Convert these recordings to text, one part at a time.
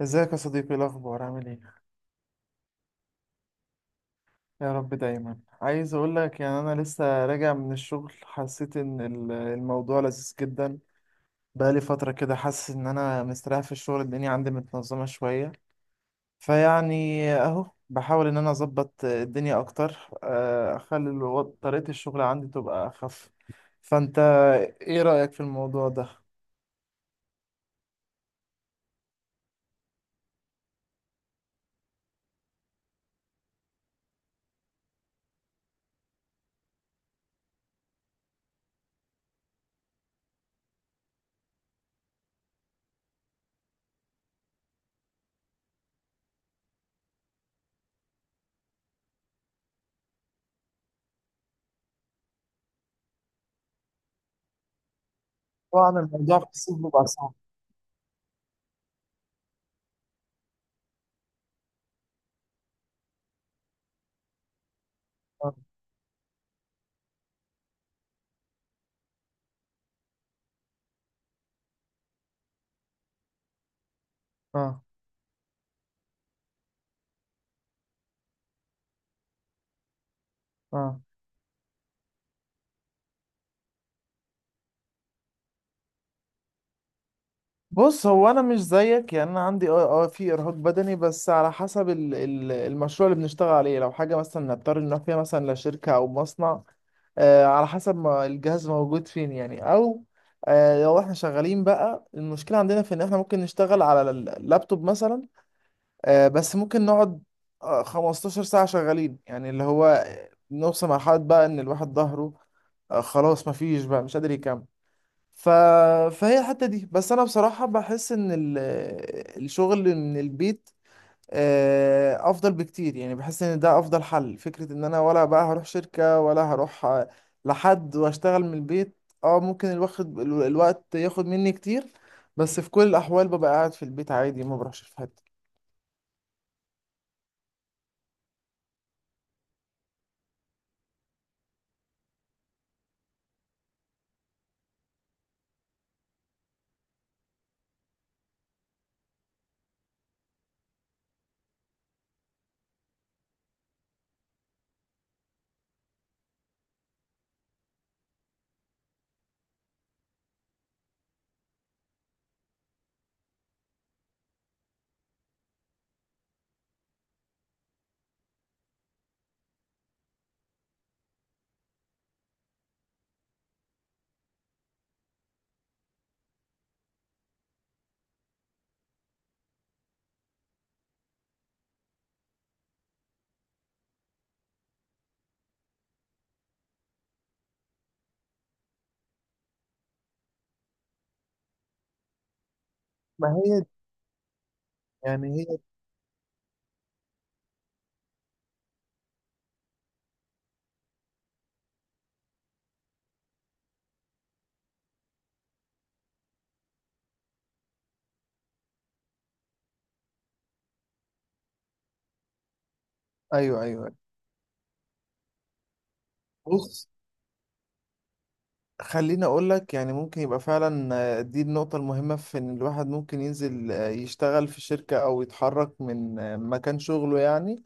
ازيك يا صديقي؟ إيه الاخبار؟ عامل ايه؟ يا رب. دايما عايز اقول لك، يعني انا لسه راجع من الشغل، حسيت ان الموضوع لذيذ جدا. بقالي فتره كده حاسس ان انا مستريح في الشغل، الدنيا عندي متنظمه شويه. فيعني اهو بحاول ان انا اظبط الدنيا اكتر، اخلي طريقه الشغل عندي تبقى اخف. فانت ايه رايك في الموضوع ده؟ طبعا الموضوع في الصيف بيبقى صعب. اه، اه. آه. بص، هو انا مش زيك، يعني انا عندي في ارهاق بدني، بس على حسب ال المشروع اللي بنشتغل عليه. لو حاجه مثلا نضطر نروح فيها مثلا لشركه او مصنع. على حسب ما الجهاز موجود فين، يعني. او لو احنا شغالين بقى، المشكله عندنا في ان احنا ممكن نشتغل على اللابتوب مثلا. بس ممكن نقعد 15 ساعه شغالين، يعني اللي هو نوصل مرحله بقى ان الواحد ظهره خلاص، مفيش بقى، مش قادر يكمل. ف... فهي الحتة دي، بس أنا بصراحة بحس إن الشغل من البيت أفضل بكتير. يعني بحس إن ده أفضل حل، فكرة إن أنا ولا بقى هروح شركة ولا هروح لحد، وأشتغل من البيت. ممكن الواخد الوقت ياخد مني كتير، بس في كل الأحوال ببقى قاعد في البيت عادي، ما بروحش في حتة. ما هي يعني هي أيوه، أيوه. بص، خليني اقول لك، يعني ممكن يبقى فعلا، دي النقطة المهمة في ان الواحد ممكن ينزل، يشتغل في شركة او يتحرك من مكان شغله، يعني.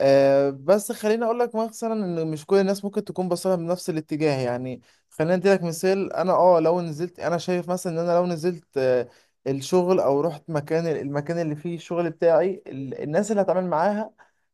بس خليني اقول لك مثلا ان مش كل الناس ممكن تكون باصه بنفس الاتجاه، يعني. خليني ادي لك مثال، انا لو نزلت، انا شايف مثلا ان انا لو نزلت الشغل او رحت المكان اللي فيه الشغل بتاعي، الناس اللي هتعامل معاها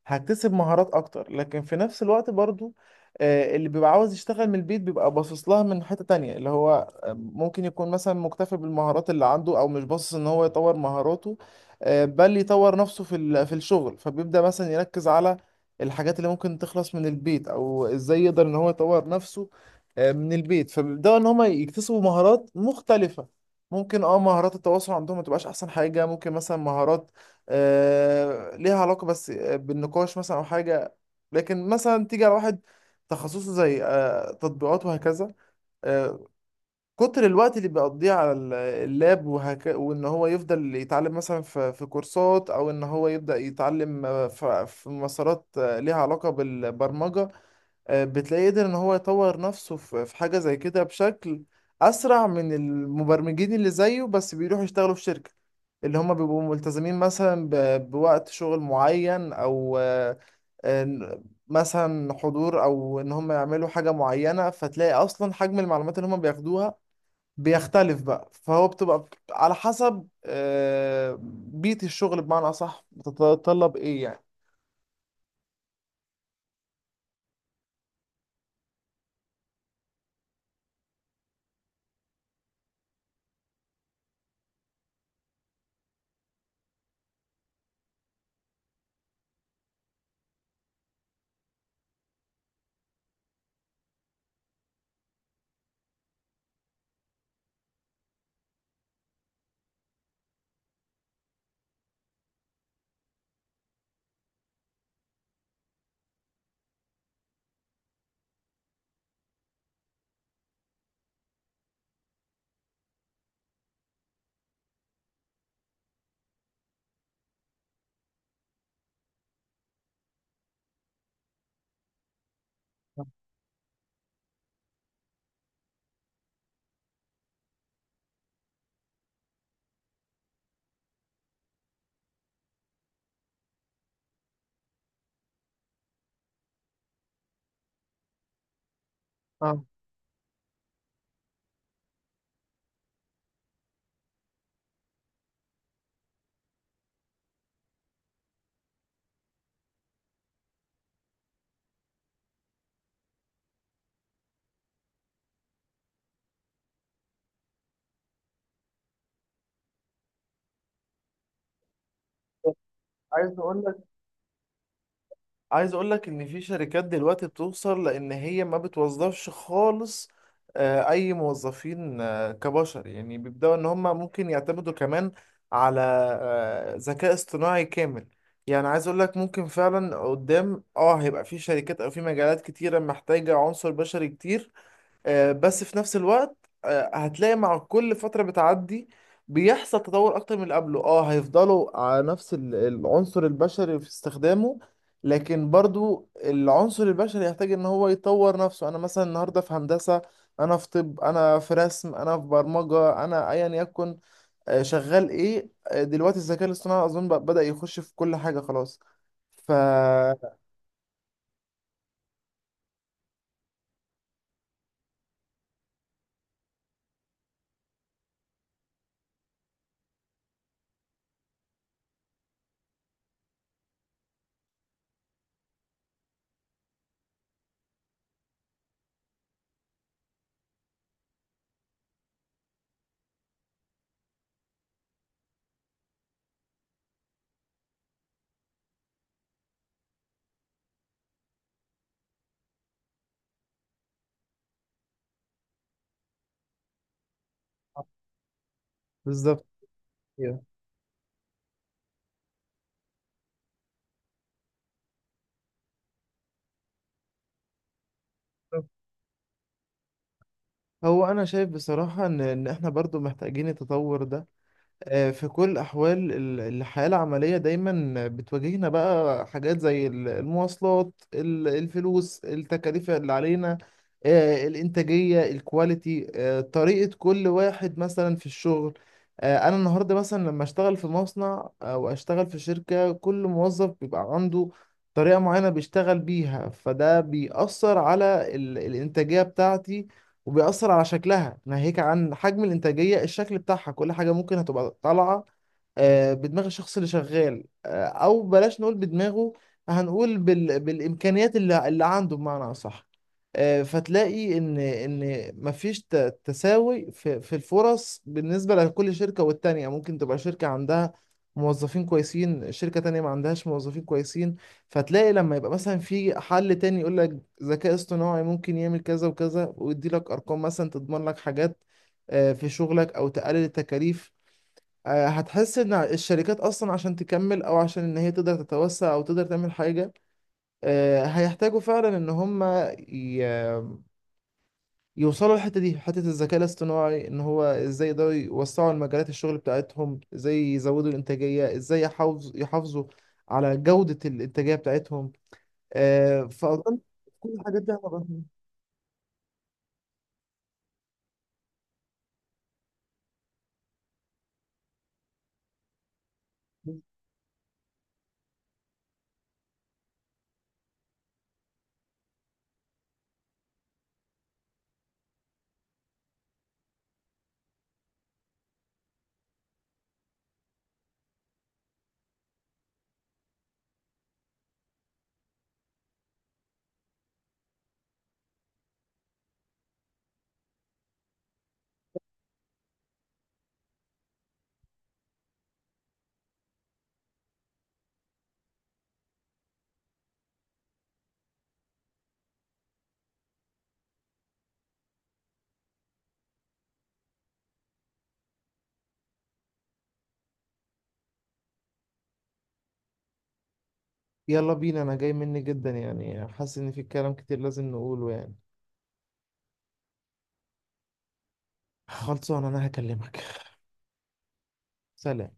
هكتسب مهارات اكتر. لكن في نفس الوقت برضو اللي بيبقى عاوز يشتغل من البيت بيبقى باصص لها من حتة تانية، اللي هو ممكن يكون مثلا مكتفي بالمهارات اللي عنده، او مش باصص ان هو يطور مهاراته، بل يطور نفسه في الشغل. فبيبدأ مثلا يركز على الحاجات اللي ممكن تخلص من البيت، او ازاي يقدر ان هو يطور نفسه من البيت. فبيبداوا ان هم يكتسبوا مهارات مختلفة، ممكن مهارات التواصل عندهم ما تبقاش احسن حاجة. ممكن مثلا مهارات ليها علاقة بس بالنقاش مثلا، او حاجة. لكن مثلا تيجي على واحد تخصصه زي تطبيقات وهكذا، آه، كتر الوقت اللي بيقضيه على اللاب وان هو يفضل يتعلم مثلا في كورسات، او ان هو يبدأ يتعلم في مسارات ليها علاقة بالبرمجة. بتلاقيه قدر ان هو يطور نفسه في حاجة زي كده بشكل اسرع من المبرمجين اللي زيه، بس بيروحوا يشتغلوا في شركة، اللي هم بيبقوا ملتزمين مثلا بوقت شغل معين، او آه، مثلا حضور، او ان هم يعملوا حاجة معينة. فتلاقي اصلا حجم المعلومات اللي هم بياخدوها بيختلف بقى، فهو بتبقى على حسب بيئة الشغل، بمعنى أصح بتتطلب إيه، يعني. اه عايز اقول لك عايز اقول لك، ان في شركات دلوقتي بتوصل لان هي ما بتوظفش خالص اي موظفين، كبشر، يعني بيبداوا ان هم ممكن يعتمدوا كمان على ذكاء اصطناعي كامل. يعني عايز اقول لك، ممكن فعلا قدام هيبقى في شركات او في مجالات كتيرة محتاجة عنصر بشري كتير، بس في نفس الوقت هتلاقي مع كل فترة بتعدي بيحصل تطور أكتر من اللي قبله. اه هيفضلوا على نفس العنصر البشري في استخدامه، لكن برضو العنصر البشري يحتاج ان هو يطور نفسه. انا مثلا النهاردة في هندسة، انا في طب، انا في رسم، انا في برمجة، انا ايا يكن شغال ايه، دلوقتي الذكاء الاصطناعي اظن بدأ يخش في كل حاجة خلاص. ف بالظبط. هو انا شايف بصراحة ان احنا برضو محتاجين التطور ده. في كل الاحوال الحياة العملية دايما بتواجهنا بقى حاجات زي المواصلات، الفلوس، التكاليف اللي علينا، الانتاجية، الكواليتي، طريقة كل واحد مثلا في الشغل. انا النهاردة مثلا لما اشتغل في مصنع او اشتغل في شركة، كل موظف بيبقى عنده طريقة معينة بيشتغل بيها، فده بيأثر على الانتاجية بتاعتي، وبيأثر على شكلها. ناهيك عن حجم الإنتاجية، الشكل بتاعها، كل حاجة ممكن هتبقى طالعة بدماغ الشخص اللي شغال، أو بلاش نقول بدماغه، هنقول بالإمكانيات اللي عنده، بمعنى أصح. فتلاقي إن مفيش تساوي في الفرص بالنسبة لكل شركة. والتانية ممكن تبقى شركة عندها موظفين كويسين، شركة تانية ما عندهاش موظفين كويسين. فتلاقي لما يبقى مثلا في حل تاني يقول لك ذكاء اصطناعي ممكن يعمل كذا وكذا، ويدي لك ارقام مثلا تضمن لك حاجات في شغلك او تقلل التكاليف. هتحس ان الشركات اصلا عشان تكمل، او عشان ان هي تقدر تتوسع او تقدر تعمل حاجة، هيحتاجوا فعلا ان هم ي- يوصلوا الحتة دي، حتة الذكاء الاصطناعي، ان هو ازاي يقدروا يوسعوا المجالات الشغل بتاعتهم، ازاي يزودوا الانتاجية، ازاي يحافظوا على جودة الانتاجية بتاعتهم. فأظن كل الحاجات دي هتبقى مهمة. يلا بينا، انا جاي مني جدا، يعني حاسس ان في كلام كتير لازم نقوله، يعني. خلصان، انا هكلمك. سلام.